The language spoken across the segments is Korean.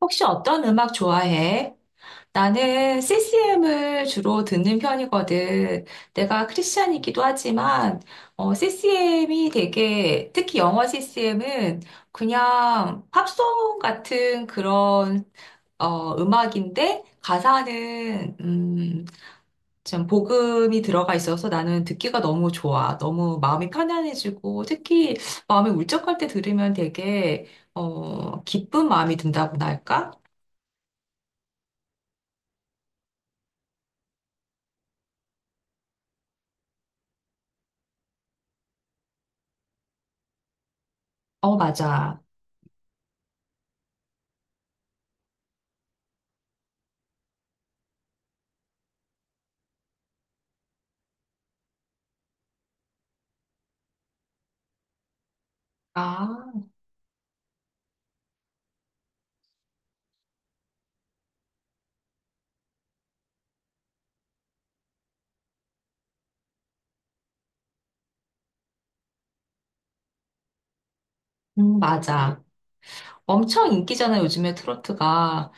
혹시 어떤 음악 좋아해? 나는 CCM을 주로 듣는 편이거든. 내가 크리스찬이기도 하지만, CCM이 되게, 특히 영어 CCM은 그냥 팝송 같은 그런, 음악인데, 가사는, 좀 복음이 들어가 있어서 나는 듣기가 너무 좋아. 너무 마음이 편안해지고, 특히 마음이 울적할 때 들으면 되게, 기쁜 마음이 든다고나 할까? 어, 맞아. 아, 맞아. 엄청 인기잖아, 요즘에 트로트가.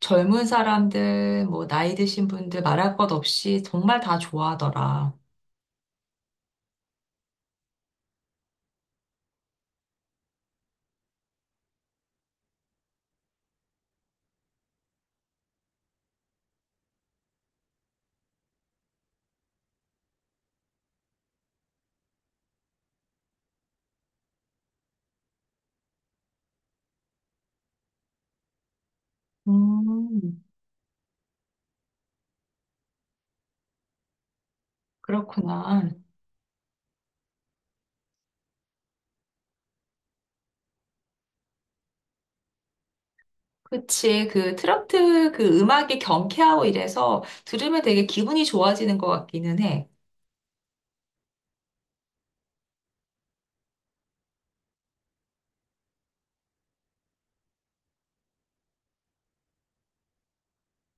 젊은 사람들, 뭐, 나이 드신 분들 말할 것 없이 정말 다 좋아하더라. 음, 그렇구나. 그치. 그 트로트 그 음악이 경쾌하고 이래서 들으면 되게 기분이 좋아지는 것 같기는 해.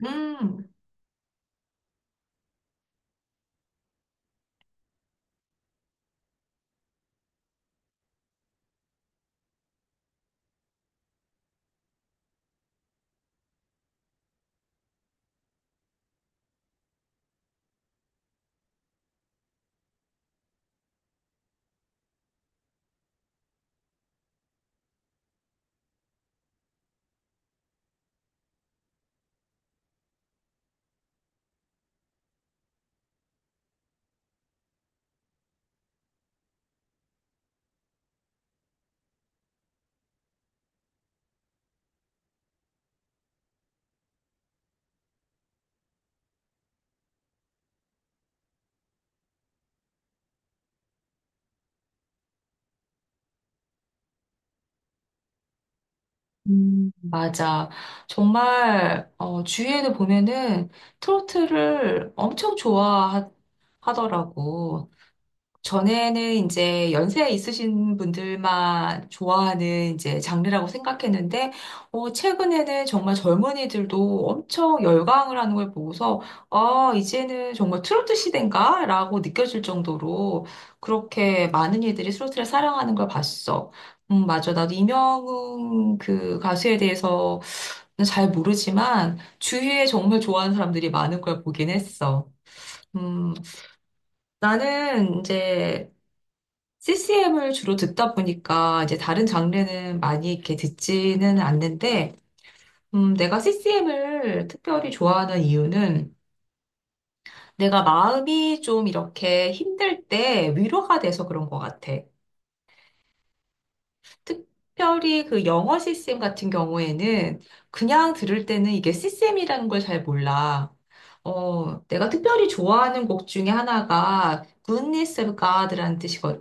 음. 맞아. 정말, 주위에도 보면은 트로트를 엄청 좋아하더라고. 전에는 이제 연세 있으신 분들만 좋아하는 이제 장르라고 생각했는데, 최근에는 정말 젊은이들도 엄청 열광을 하는 걸 보고서, 아, 이제는 정말 트로트 시대인가? 라고 느껴질 정도로 그렇게 많은 이들이 트로트를 사랑하는 걸 봤어. 맞아. 나도 이명웅 그 가수에 대해서 잘 모르지만, 주위에 정말 좋아하는 사람들이 많은 걸 보긴 했어. 음, 나는 이제 CCM을 주로 듣다 보니까 이제 다른 장르는 많이 이렇게 듣지는 않는데, 내가 CCM을 특별히 좋아하는 이유는 내가 마음이 좀 이렇게 힘들 때 위로가 돼서 그런 것 같아. 특별히 그 영어 시스템 같은 경우에는 그냥 들을 때는 이게 시스템이라는 걸 잘 몰라. 내가 특별히 좋아하는 곡 중에 하나가 Goodness of God라는 뜻이거,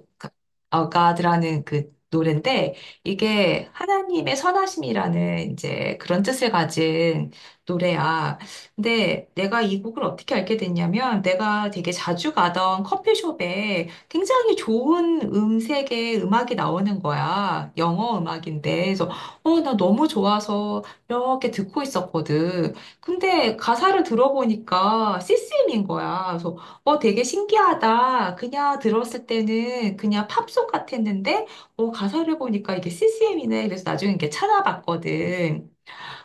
God라는 그 노래인데 이게 하나님의 선하심이라는 이제 그런 뜻을 가진 노래야. 근데 내가 이 곡을 어떻게 알게 됐냐면 내가 되게 자주 가던 커피숍에 굉장히 좋은 음색의 음악이 나오는 거야. 영어 음악인데. 그래서, 나 너무 좋아서 이렇게 듣고 있었거든. 근데 가사를 들어보니까 CCM 인 거야. 그래서, 되게 신기하다. 그냥 들었을 때는 그냥 팝송 같았는데, 가사를 보니까 이게 CCM이네. 그래서 나중에 이렇게 찾아봤거든.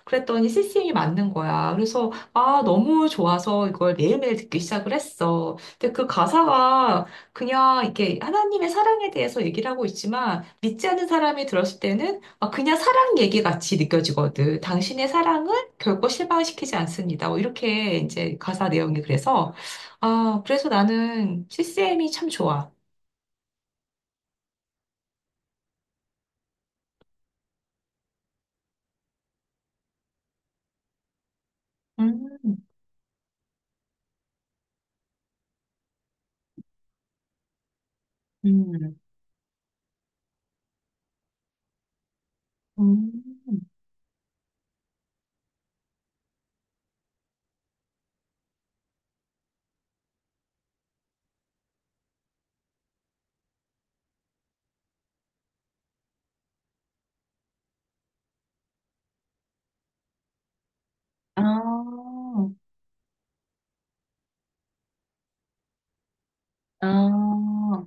그랬더니 CCM 이 맞는 거야. 그래서, 아, 너무 좋아서 이걸 매일매일 듣기 시작을 했어. 근데 그 가사가 그냥 이렇게 하나님의 사랑에 대해서 얘기를 하고 있지만, 믿지 않는 사람이 들었을 때는 아, 그냥 사랑 얘기 같이 느껴지거든. 당신의 사랑은 결코 실망시키지 않습니다. 뭐 이렇게 이제 가사 내용이 그래서, 아, 그래서 나는 CCM이 참 좋아. 음, 음, 음. 아, 아.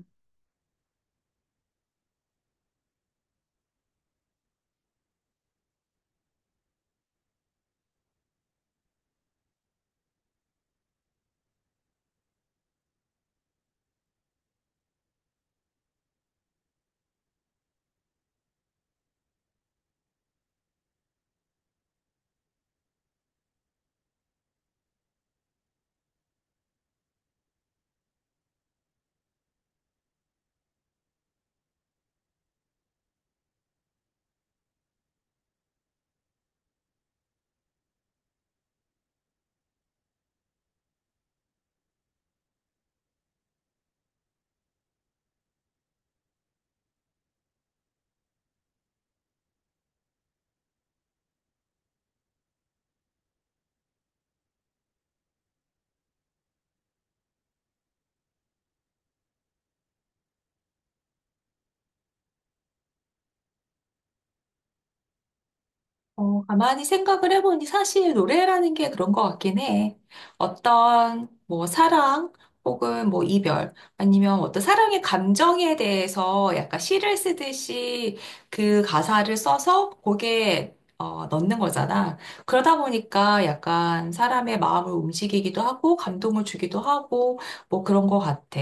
가만히 생각을 해보니 사실 노래라는 게 그런 것 같긴 해. 어떤 뭐 사랑 혹은 뭐 이별 아니면 어떤 사랑의 감정에 대해서 약간 시를 쓰듯이 그 가사를 써서 곡에 넣는 거잖아. 그러다 보니까 약간 사람의 마음을 움직이기도 하고 감동을 주기도 하고 뭐 그런 것 같아.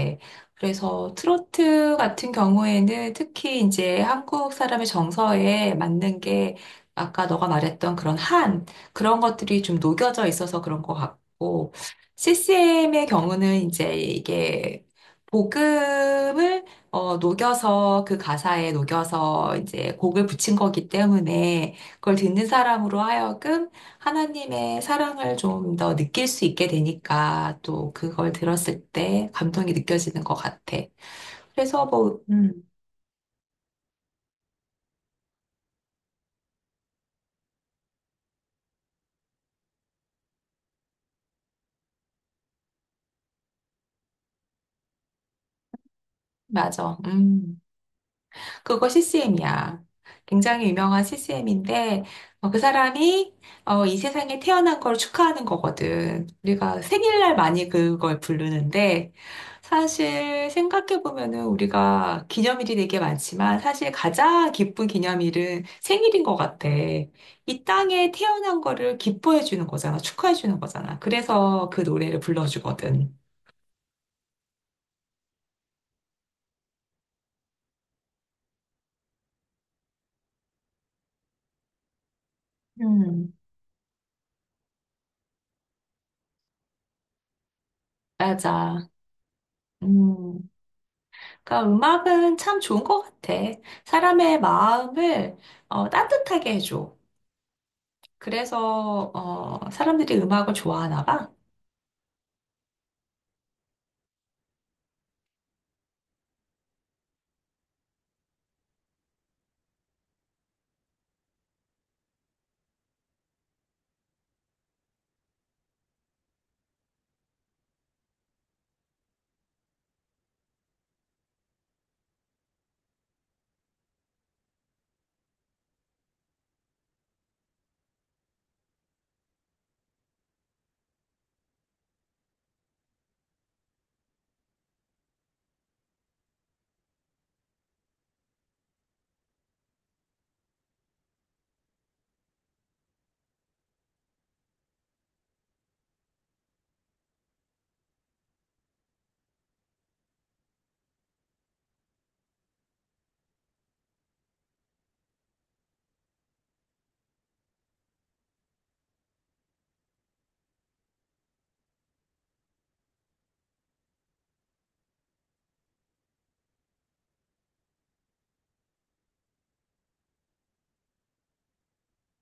그래서 트로트 같은 경우에는 특히 이제 한국 사람의 정서에 맞는 게 아까 너가 말했던 그런 한, 그런 것들이 좀 녹여져 있어서 그런 것 같고, CCM의 경우는 이제 이게 복음을 녹여서 그 가사에 녹여서 이제 곡을 붙인 거기 때문에 그걸 듣는 사람으로 하여금 하나님의 사랑을 좀 더 느낄 수 있게 되니까 또 그걸 들었을 때 감동이 느껴지는 것 같아. 그래서 뭐, 맞아. 음. 그거 CCM이야. 굉장히 유명한 CCM인데, 그 사람이 이 세상에 태어난 걸 축하하는 거거든. 우리가 생일날 많이 그걸 부르는데, 사실 생각해보면은 우리가 기념일이 되게 많지만, 사실 가장 기쁜 기념일은 생일인 것 같아. 이 땅에 태어난 거를 기뻐해주는 거잖아. 축하해주는 거잖아. 그래서 그 노래를 불러주거든. 음, 맞아. 음. 그러니까 음악은 참 좋은 것 같아. 사람의 마음을 따뜻하게 해줘. 그래서 사람들이 음악을 좋아하나 봐.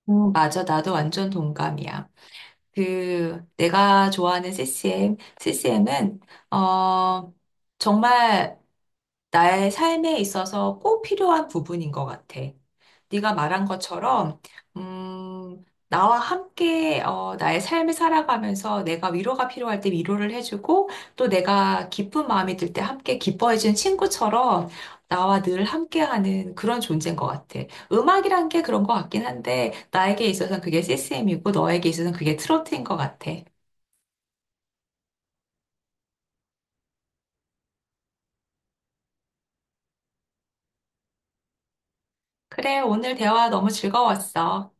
맞아, 나도 완전 동감이야. 그 내가 좋아하는 CCM, CCM은 어, 정말 나의 삶에 있어서 꼭 필요한 부분인 것 같아. 네가 말한 것처럼, 음, 나와 함께 나의 삶을 살아가면서 내가 위로가 필요할 때 위로를 해주고 또 내가 기쁜 마음이 들 때 함께 기뻐해준 친구처럼 나와 늘 함께하는 그런 존재인 것 같아. 음악이란 게 그런 것 같긴 한데 나에게 있어서는 그게 CCM이고 너에게 있어서는 그게 트로트인 것 같아. 그래, 오늘 대화 너무 즐거웠어.